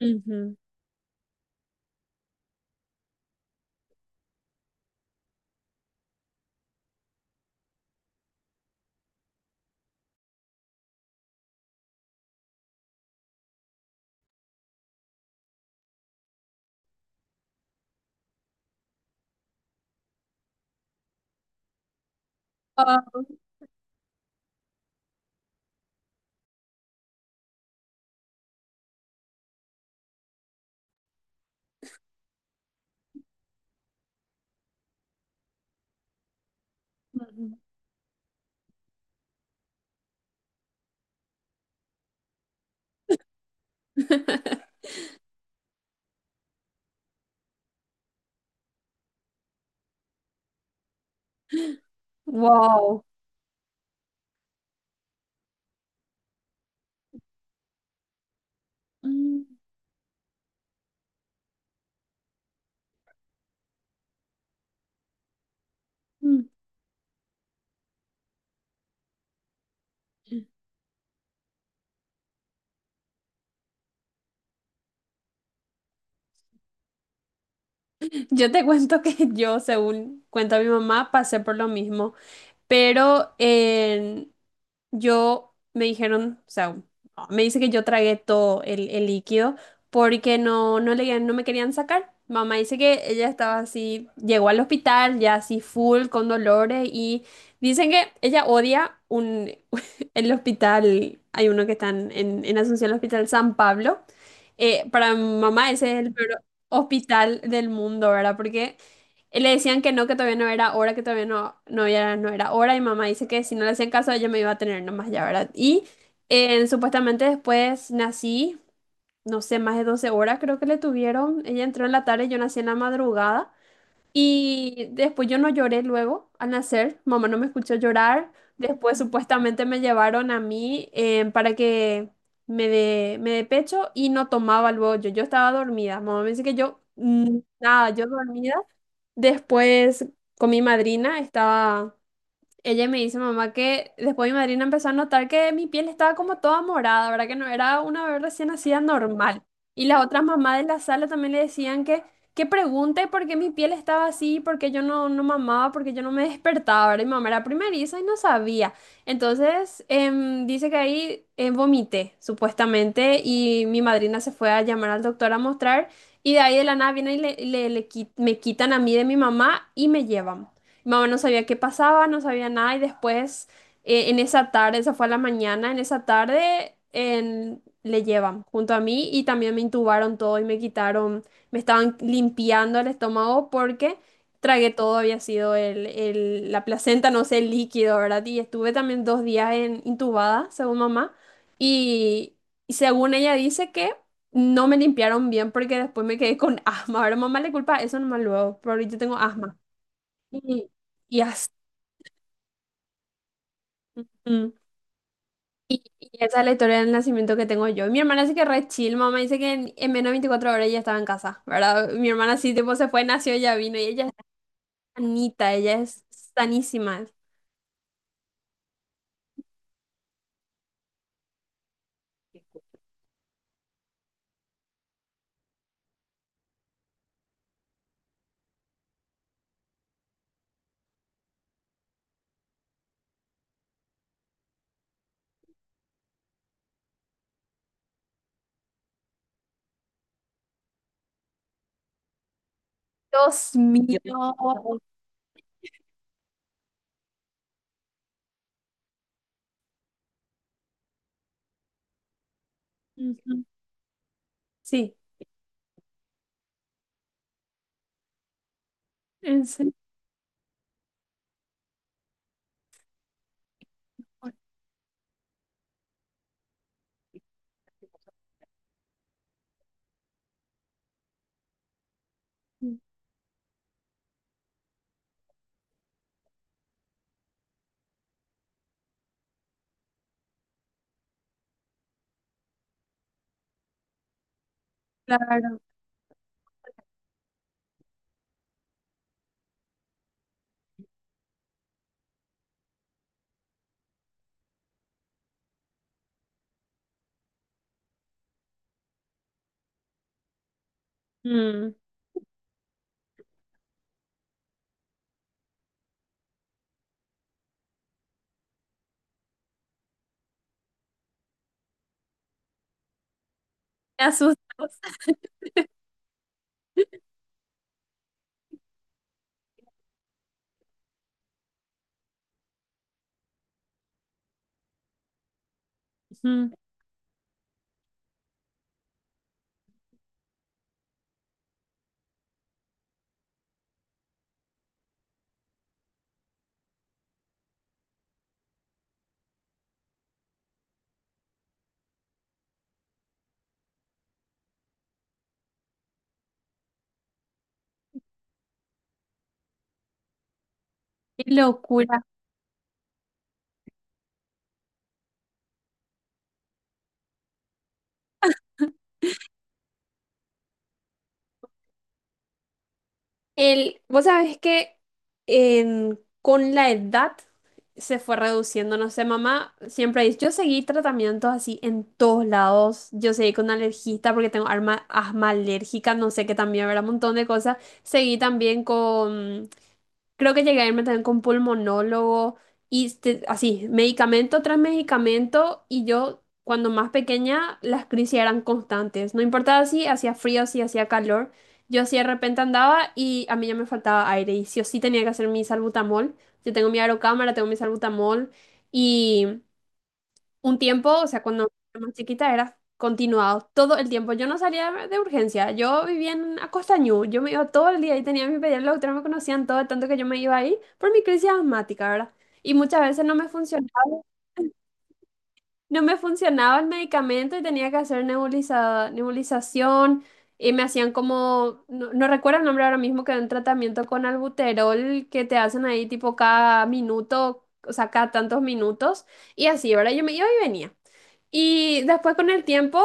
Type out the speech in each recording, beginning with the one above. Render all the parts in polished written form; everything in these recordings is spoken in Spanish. Ujú. Ah, ujú. Wow. Mm, mm. Yo te cuento que yo, según cuenta mi mamá, pasé por lo mismo, pero yo me dijeron, o sea, me dice que yo tragué todo el líquido porque no me querían sacar. Mamá dice que ella estaba así, llegó al hospital ya así full con dolores y dicen que ella odia el hospital. Hay uno que está en, en Asunción, el Hospital San Pablo. Para mamá ese es el peor hospital del mundo, ¿verdad? Porque y Le decían que no, que todavía no era hora, que todavía no era hora. Y mamá dice que si no le hacían caso, ella me iba a tener nomás ya, ¿verdad? Y supuestamente después nací, no sé, más de 12 horas creo que le tuvieron. Ella entró en la tarde, yo nací en la madrugada. Y después yo no lloré luego al nacer. Mamá no me escuchó llorar. Después supuestamente me llevaron a mí, para que me dé pecho, y no tomaba luego yo. Yo estaba dormida. Mamá me dice que yo, nada, yo dormida. Después con mi madrina estaba, ella me dice, mamá, que después mi madrina empezó a notar que mi piel estaba como toda morada, ¿verdad? Que no era una vez recién nacida normal. Y las otras mamás de la sala también le decían que pregunte por qué mi piel estaba así, por qué yo no mamaba, por qué yo no me despertaba, ¿verdad? Y mi mamá era primeriza y no sabía. Entonces, dice que ahí, vomité, supuestamente, y mi madrina se fue a llamar al doctor a mostrar, y de ahí de la nada vienen y me quitan a mí de mi mamá y me llevan. Mi mamá no sabía qué pasaba, no sabía nada, y después, en esa tarde, esa fue a la mañana, en esa tarde le llevan junto a mí y también me intubaron todo y me quitaron, me estaban limpiando el estómago porque tragué todo. Había sido la placenta, no sé, el líquido, ¿verdad? Y estuve también 2 días, intubada, según mamá. Y, y según ella dice que... No me limpiaron bien porque después me quedé con asma. Ahora mamá le culpa eso nomás luego, pero ahorita tengo asma. Y, y as- mm. Y esa es la historia del nacimiento que tengo yo. Mi hermana sí que re chill, mamá dice que en menos de 24 horas ella estaba en casa, ¿verdad? Mi hermana sí, tipo, se fue, nació, ya vino, y ella es sanita, ella es sanísima. Dios mío. Ujú. Sí, en serio. Claro. Mm. Me asustó. Ujú. Qué locura. Vos sabés que con la edad se fue reduciendo, no sé, mamá siempre dice. Yo seguí tratamientos así en todos lados, yo seguí con alergista porque tengo asma alérgica, no sé, que también habrá un montón de cosas. Seguí también con creo que llegué a irme también con pulmonólogo, y así, medicamento tras medicamento, y yo cuando más pequeña las crisis eran constantes. No importaba si hacía frío, si hacía calor, yo así de repente andaba y a mí ya me faltaba aire y sí o sí tenía que hacer mi salbutamol. Yo tengo mi aerocámara, tengo mi salbutamol un tiempo, o sea, cuando era más chiquita era continuado todo el tiempo. Yo no salía de urgencia, yo vivía en Acostañú, yo me iba todo el día y tenía a mi pediatra, los doctora me conocían todo, tanto que yo me iba ahí por mi crisis asmática, ¿verdad? Y muchas veces no me funcionaba el medicamento y tenía que hacer nebulización, y me hacían como, no recuerdo el nombre ahora mismo, que era un tratamiento con albuterol que te hacen ahí tipo cada minuto, o sea, cada tantos minutos y así, ¿verdad? Yo me iba y venía. Y después con el tiempo,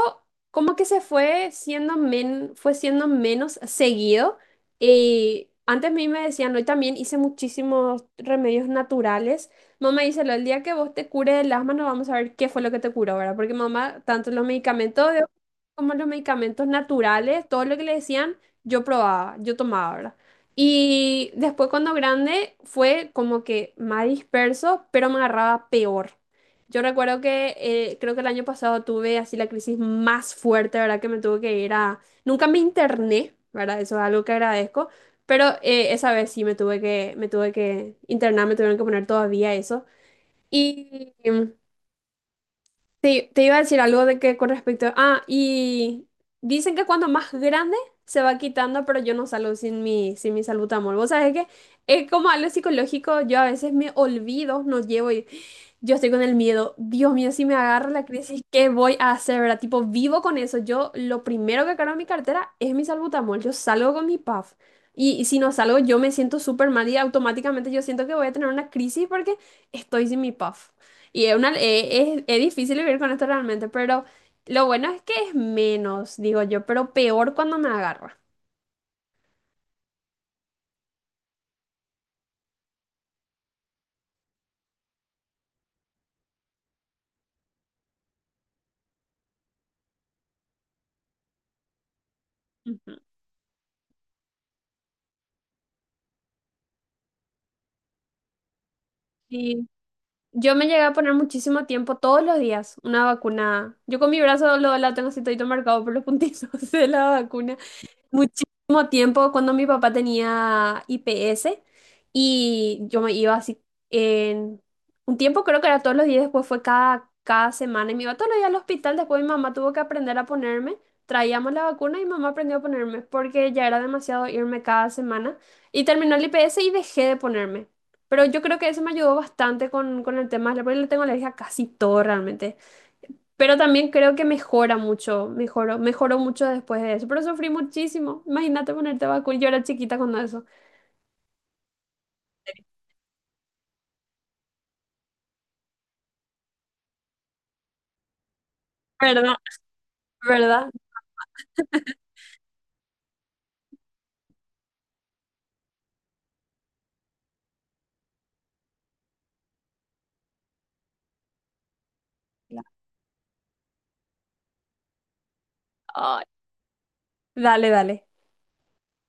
como que se fue siendo, men- fue siendo menos seguido. Y antes a mí me decían, hoy también hice muchísimos remedios naturales. Mamá dice, el día que vos te cures el asma, no vamos a ver qué fue lo que te curó, ¿verdad? Porque mamá, tanto los medicamentos como los medicamentos naturales, todo lo que le decían, yo probaba, yo tomaba, ¿verdad? Y después cuando grande fue como que más disperso, pero me agarraba peor. Yo recuerdo que, creo que el año pasado tuve así la crisis más fuerte, ¿verdad? Que me tuve que ir a... Nunca me interné, ¿verdad? Eso es algo que agradezco, pero esa vez sí me tuve que internar, me tuvieron que poner todavía eso. Y te iba a decir algo de que con respecto... Ah, y dicen que cuando más grande se va quitando, pero yo no salgo sin mi salbutamol. Vos sabés que es como algo psicológico, yo a veces me olvido, no llevo... Yo estoy con el miedo. Dios mío, si me agarra la crisis, ¿qué voy a hacer, verdad? Tipo, vivo con eso. Yo lo primero que cargo en mi cartera es mi salbutamol. Yo salgo con mi puff. Y si no salgo, yo me siento súper mal y automáticamente yo siento que voy a tener una crisis porque estoy sin mi puff. Y es difícil vivir con esto realmente, pero lo bueno es que es menos, digo yo, pero peor cuando me agarra. Ujú. Sí, yo me llegué a poner muchísimo tiempo todos los días una vacuna. Yo con mi brazo, la tengo así todito marcado por los puntitos de la vacuna muchísimo tiempo cuando mi papá tenía IPS, y yo me iba así en un tiempo, creo que era todos los días, después fue cada semana y me iba todos los días al hospital. Después mi mamá tuvo que aprender a ponerme, traíamos la vacuna y mamá aprendió a ponerme porque ya era demasiado irme cada semana, y terminó el IPS y dejé de ponerme. Pero yo creo que eso me ayudó bastante con, el tema de la, porque le tengo alergia a casi todo realmente. Pero también creo que mejora mucho, mejoró mucho después de eso. Pero sufrí muchísimo. Imagínate ponerte vacuna. Yo era chiquita cuando eso. ¿Verdad? ¿Verdad? Ay, dale, dale.